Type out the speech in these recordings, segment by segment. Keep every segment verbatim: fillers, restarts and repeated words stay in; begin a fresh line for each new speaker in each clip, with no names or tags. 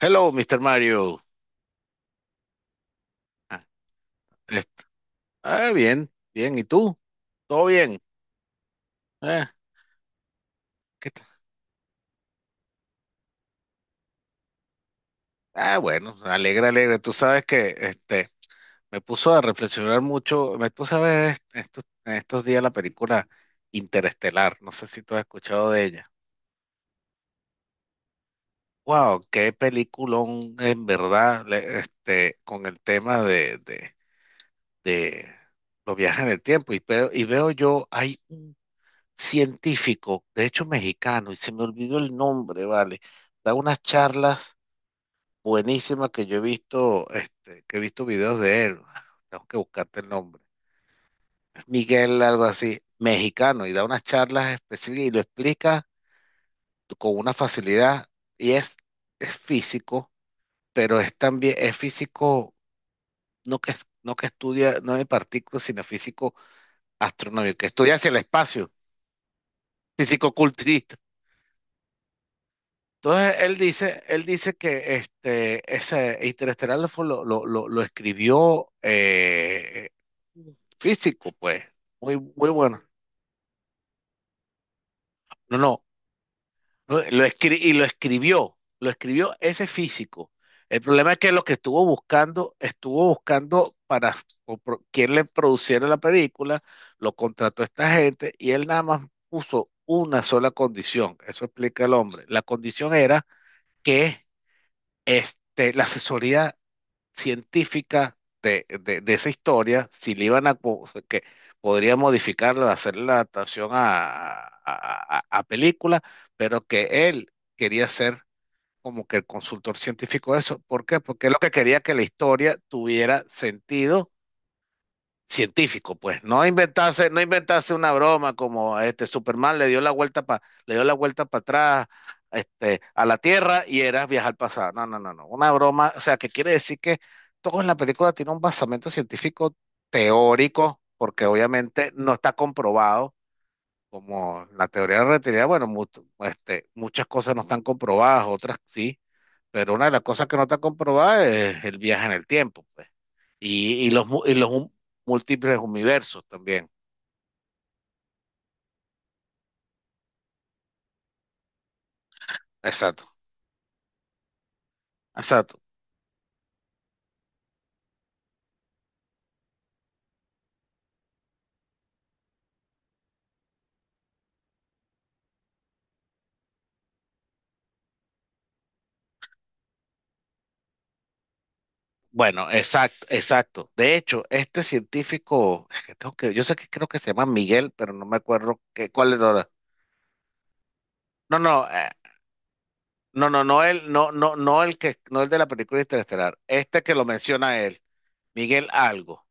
Hello, señor Mario. Ah, est- ah, bien, bien. ¿Y tú? ¿Todo bien? Ah, ¿qué tal? Ah, bueno, alegre, alegre. Tú sabes que este, me puso a reflexionar mucho. Me puse a ver est- estos, estos días la película Interestelar. No sé si tú has escuchado de ella. Wow, qué peliculón en verdad, le- este, con el tema de, de, de los viajes en el tiempo. Y veo, y veo yo, hay un científico, de hecho mexicano, y se me olvidó el nombre, vale. Da unas charlas buenísimas que yo he visto, este, que he visto videos de él. Tengo que buscarte el nombre. Miguel, algo así, mexicano, y da unas charlas específicas y lo explica con una facilidad. Y es, es físico, pero es también, es físico, no que, no que estudia, no de partículas, sino físico astronómico, que estudia hacia el espacio, físico entonces él dice, él dice que este, ese Interestelar fue lo, lo, lo- lo escribió eh, físico, pues, muy, muy bueno. No, no, no, lo escri- y lo escribió, lo escribió ese físico. El problema es que lo que estuvo buscando, estuvo buscando para o pro- quien le produciera la película, lo contrató esta gente y él nada más puso una sola condición, eso explica el hombre. La condición era que este, la asesoría científica de, de- de esa historia, si le iban a, co- que podría modificarla, hacer la adaptación a, a, a- a película, pero que él quería ser como que el consultor científico de eso. ¿Por qué? Porque él lo que quería que la historia tuviera sentido científico, pues, no inventarse, no inventarse una broma como este Superman le dio la vuelta pa, le dio la vuelta para atrás, este, a la Tierra y era viajar al pasado. No, no, no, no. Una broma, o sea, que quiere decir que todo en la película tiene un basamento científico teórico, porque obviamente no está comprobado, como la teoría de la relatividad, bueno, mu- este, muchas cosas no están comprobadas, otras sí, pero una de las cosas que no está comprobada es el viaje en el tiempo, pues. Y, y los, mu- y los mu- múltiples universos también. Exacto, exacto. Bueno, exacto, exacto. De hecho, este científico, es que tengo que, yo sé que creo que se llama Miguel, pero no me acuerdo qué, cuál es ahora. No, no, eh, no, no, no el, no, no, no el que, no el de la película Interestelar. Este que lo menciona él, Miguel algo.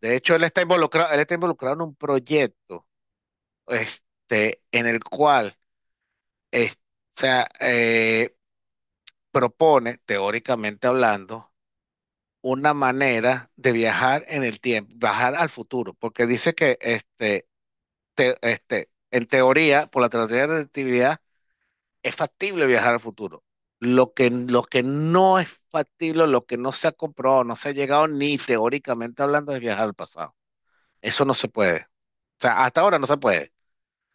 De hecho, él está involucrado, él está involucrado en un proyecto, este, en el cual es- o sea, eh, propone, teóricamente hablando, una manera de viajar en el tiempo, viajar al futuro, porque dice que este, te- este, en teoría, por la teoría de la relatividad, es factible viajar al futuro. Lo que, lo que no es factible, lo que no se ha comprobado, no se ha llegado ni teóricamente hablando, es viajar al pasado. Eso no se puede. O sea, hasta ahora no se puede.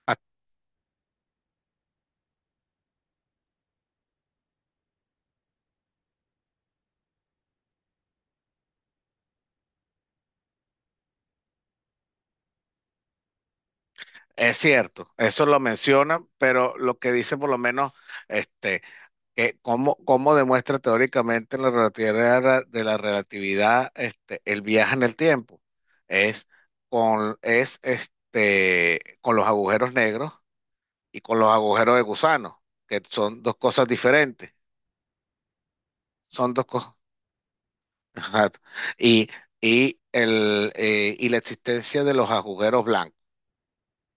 Ah, es cierto, eso lo menciona, pero lo que dice por lo menos, este, que cómo, cómo demuestra teóricamente la relatividad de la relatividad este, el viaje en el tiempo. Es con, es este, con los agujeros negros y con los agujeros de gusano, que son dos cosas diferentes. Son dos cosas. Exacto. Y, y, el, eh, y la existencia de los agujeros blancos,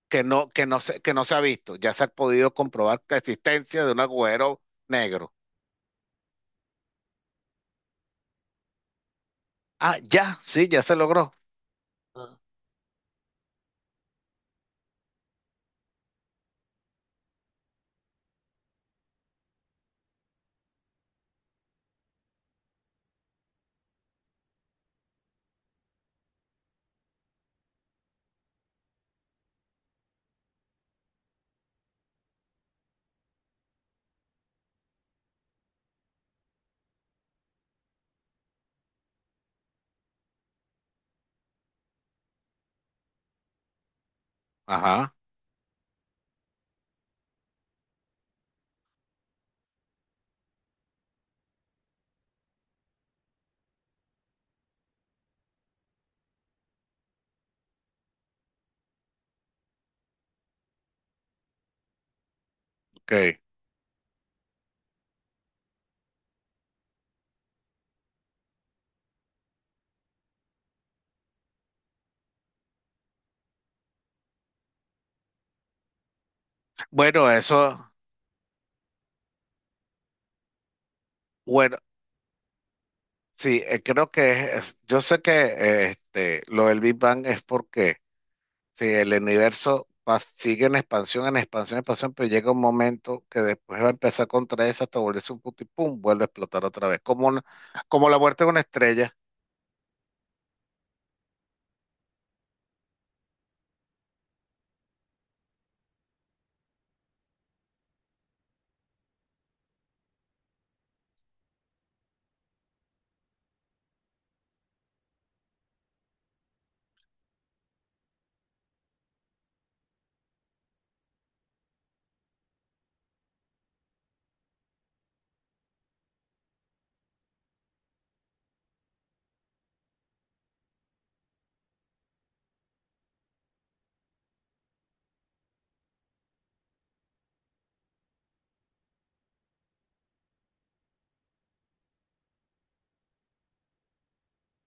que no, que no se, que no se ha visto. Ya se ha podido comprobar la existencia de un agujero negro. Ah, ya, sí, ya se logró. Ah. Ajá, ok. Bueno, eso, bueno, sí, eh, creo que es, es- yo sé que eh, este, lo del Big Bang es porque si el universo va- sigue en expansión, en expansión, en expansión, pero llega un momento que después va a empezar a contraerse hasta volverse un punto y pum, vuelve a explotar otra vez, como, una- como la muerte de una estrella,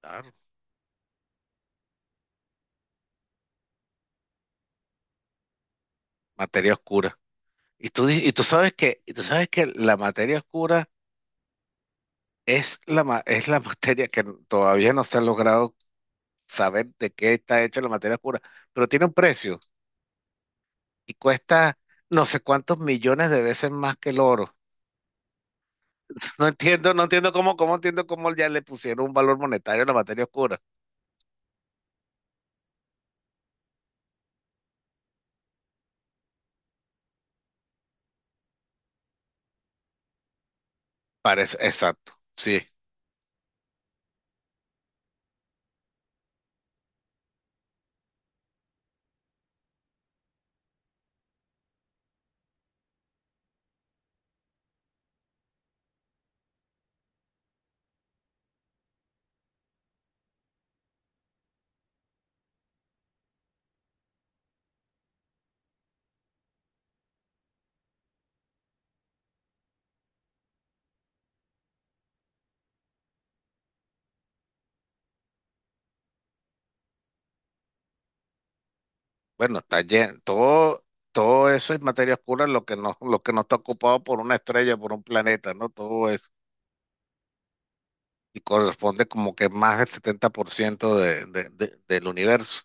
claro, materia oscura. Y tú, di- y tú sabes que, y tú sabes que la materia oscura es la, ma- es la materia que todavía no se ha logrado saber de qué está hecha la materia oscura, pero tiene un precio. Y cuesta no sé cuántos millones de veces más que el oro. No entiendo, no entiendo cómo, cómo entiendo cómo ya le pusieron un valor monetario a la materia oscura. Parece, exacto, sí. Bueno, está lleno, todo, todo eso es materia oscura, lo que no, lo que no está ocupado por una estrella, por un planeta, ¿no? Todo eso. Y corresponde como que más del setenta por ciento de, de, de- del universo.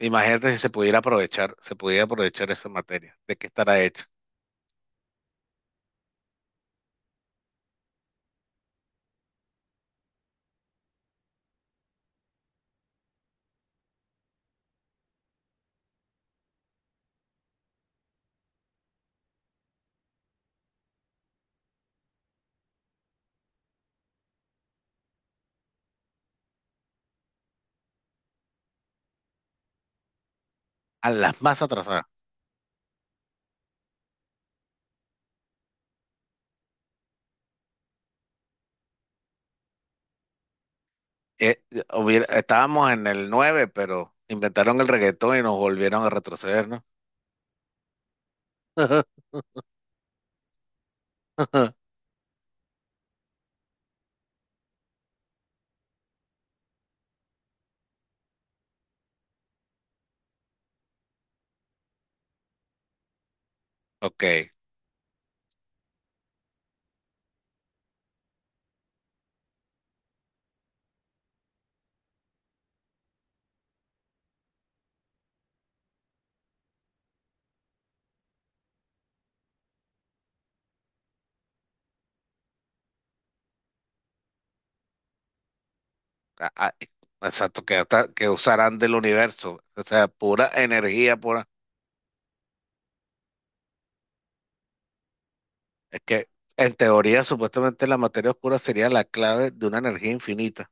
Imagínate si se pudiera aprovechar, se pudiera aprovechar esa materia, ¿de qué estará hecha? A las más atrasadas. eh, hubiera- estábamos en el nueve pero inventaron el reggaetón y nos volvieron a retroceder, ¿no? Ok, a- a- exacto, que, hasta- que usarán del universo, o sea, pura energía, pura. Es que en teoría, supuestamente la materia oscura sería la clave de una energía infinita.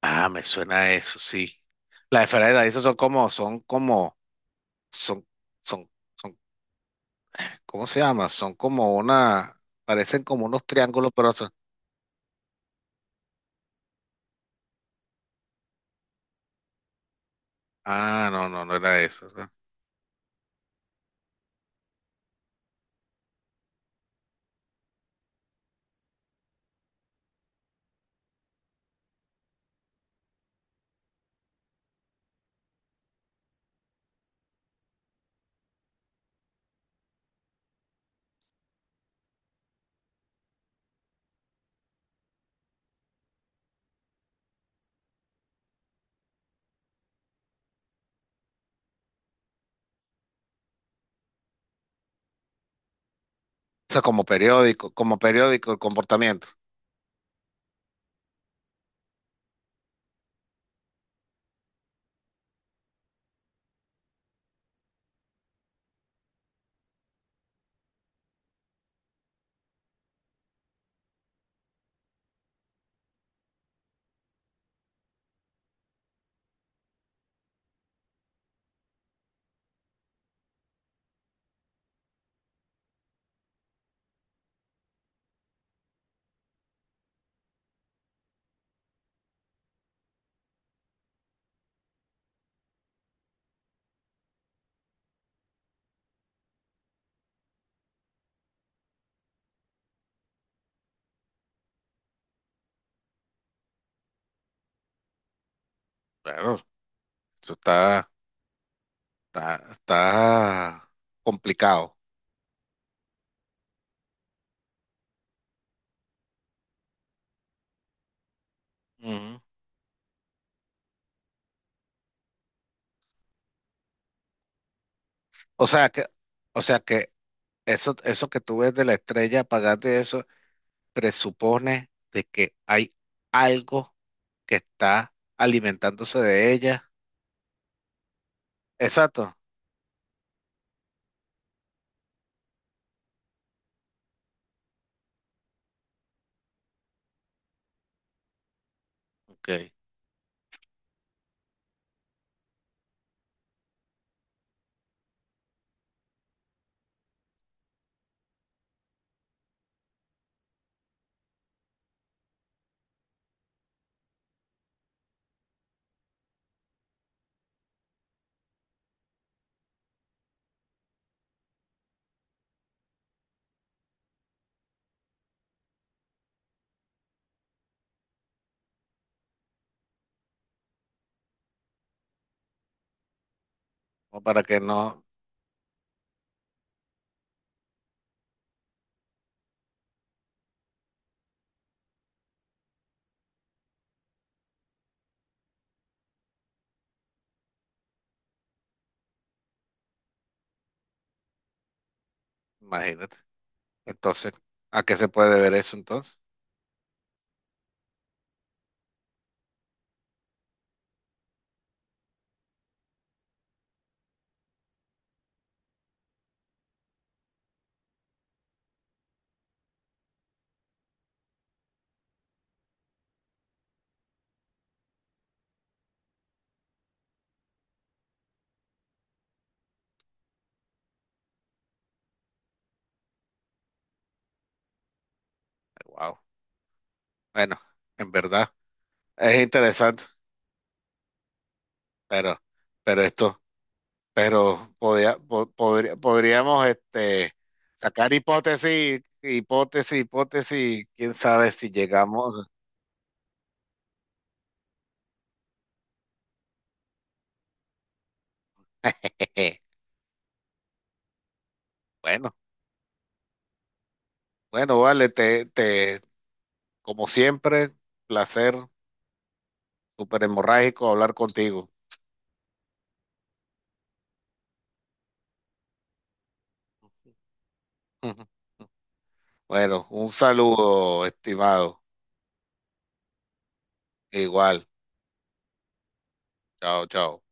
Ah, me suena a eso, sí. Las esferas de Dyson son como, son como, son, son, son, ¿cómo se llama? Son como una, parecen como unos triángulos, pero son. Ah, no, no, no era eso, ¿no? O sea, como periódico, como periódico el comportamiento. Claro, eso está, está, está complicado. Ujú. O sea que, o sea que eso, eso que tú ves de la estrella apagando y eso presupone de que hay algo que está alimentándose de ella. Exacto. Ok. O para que no, imagínate. Entonces, ¿a qué se puede ver eso entonces? Wow. Bueno, en verdad es interesante, pero, pero esto pero podía- po- podría- podríamos este, sacar hipótesis, hipótesis, hipótesis, quién sabe si llegamos. Bueno, bueno, vale, te, te, como siempre, placer, súper hemorrágico hablar contigo. Bueno, un saludo, estimado. Igual, chao, chao.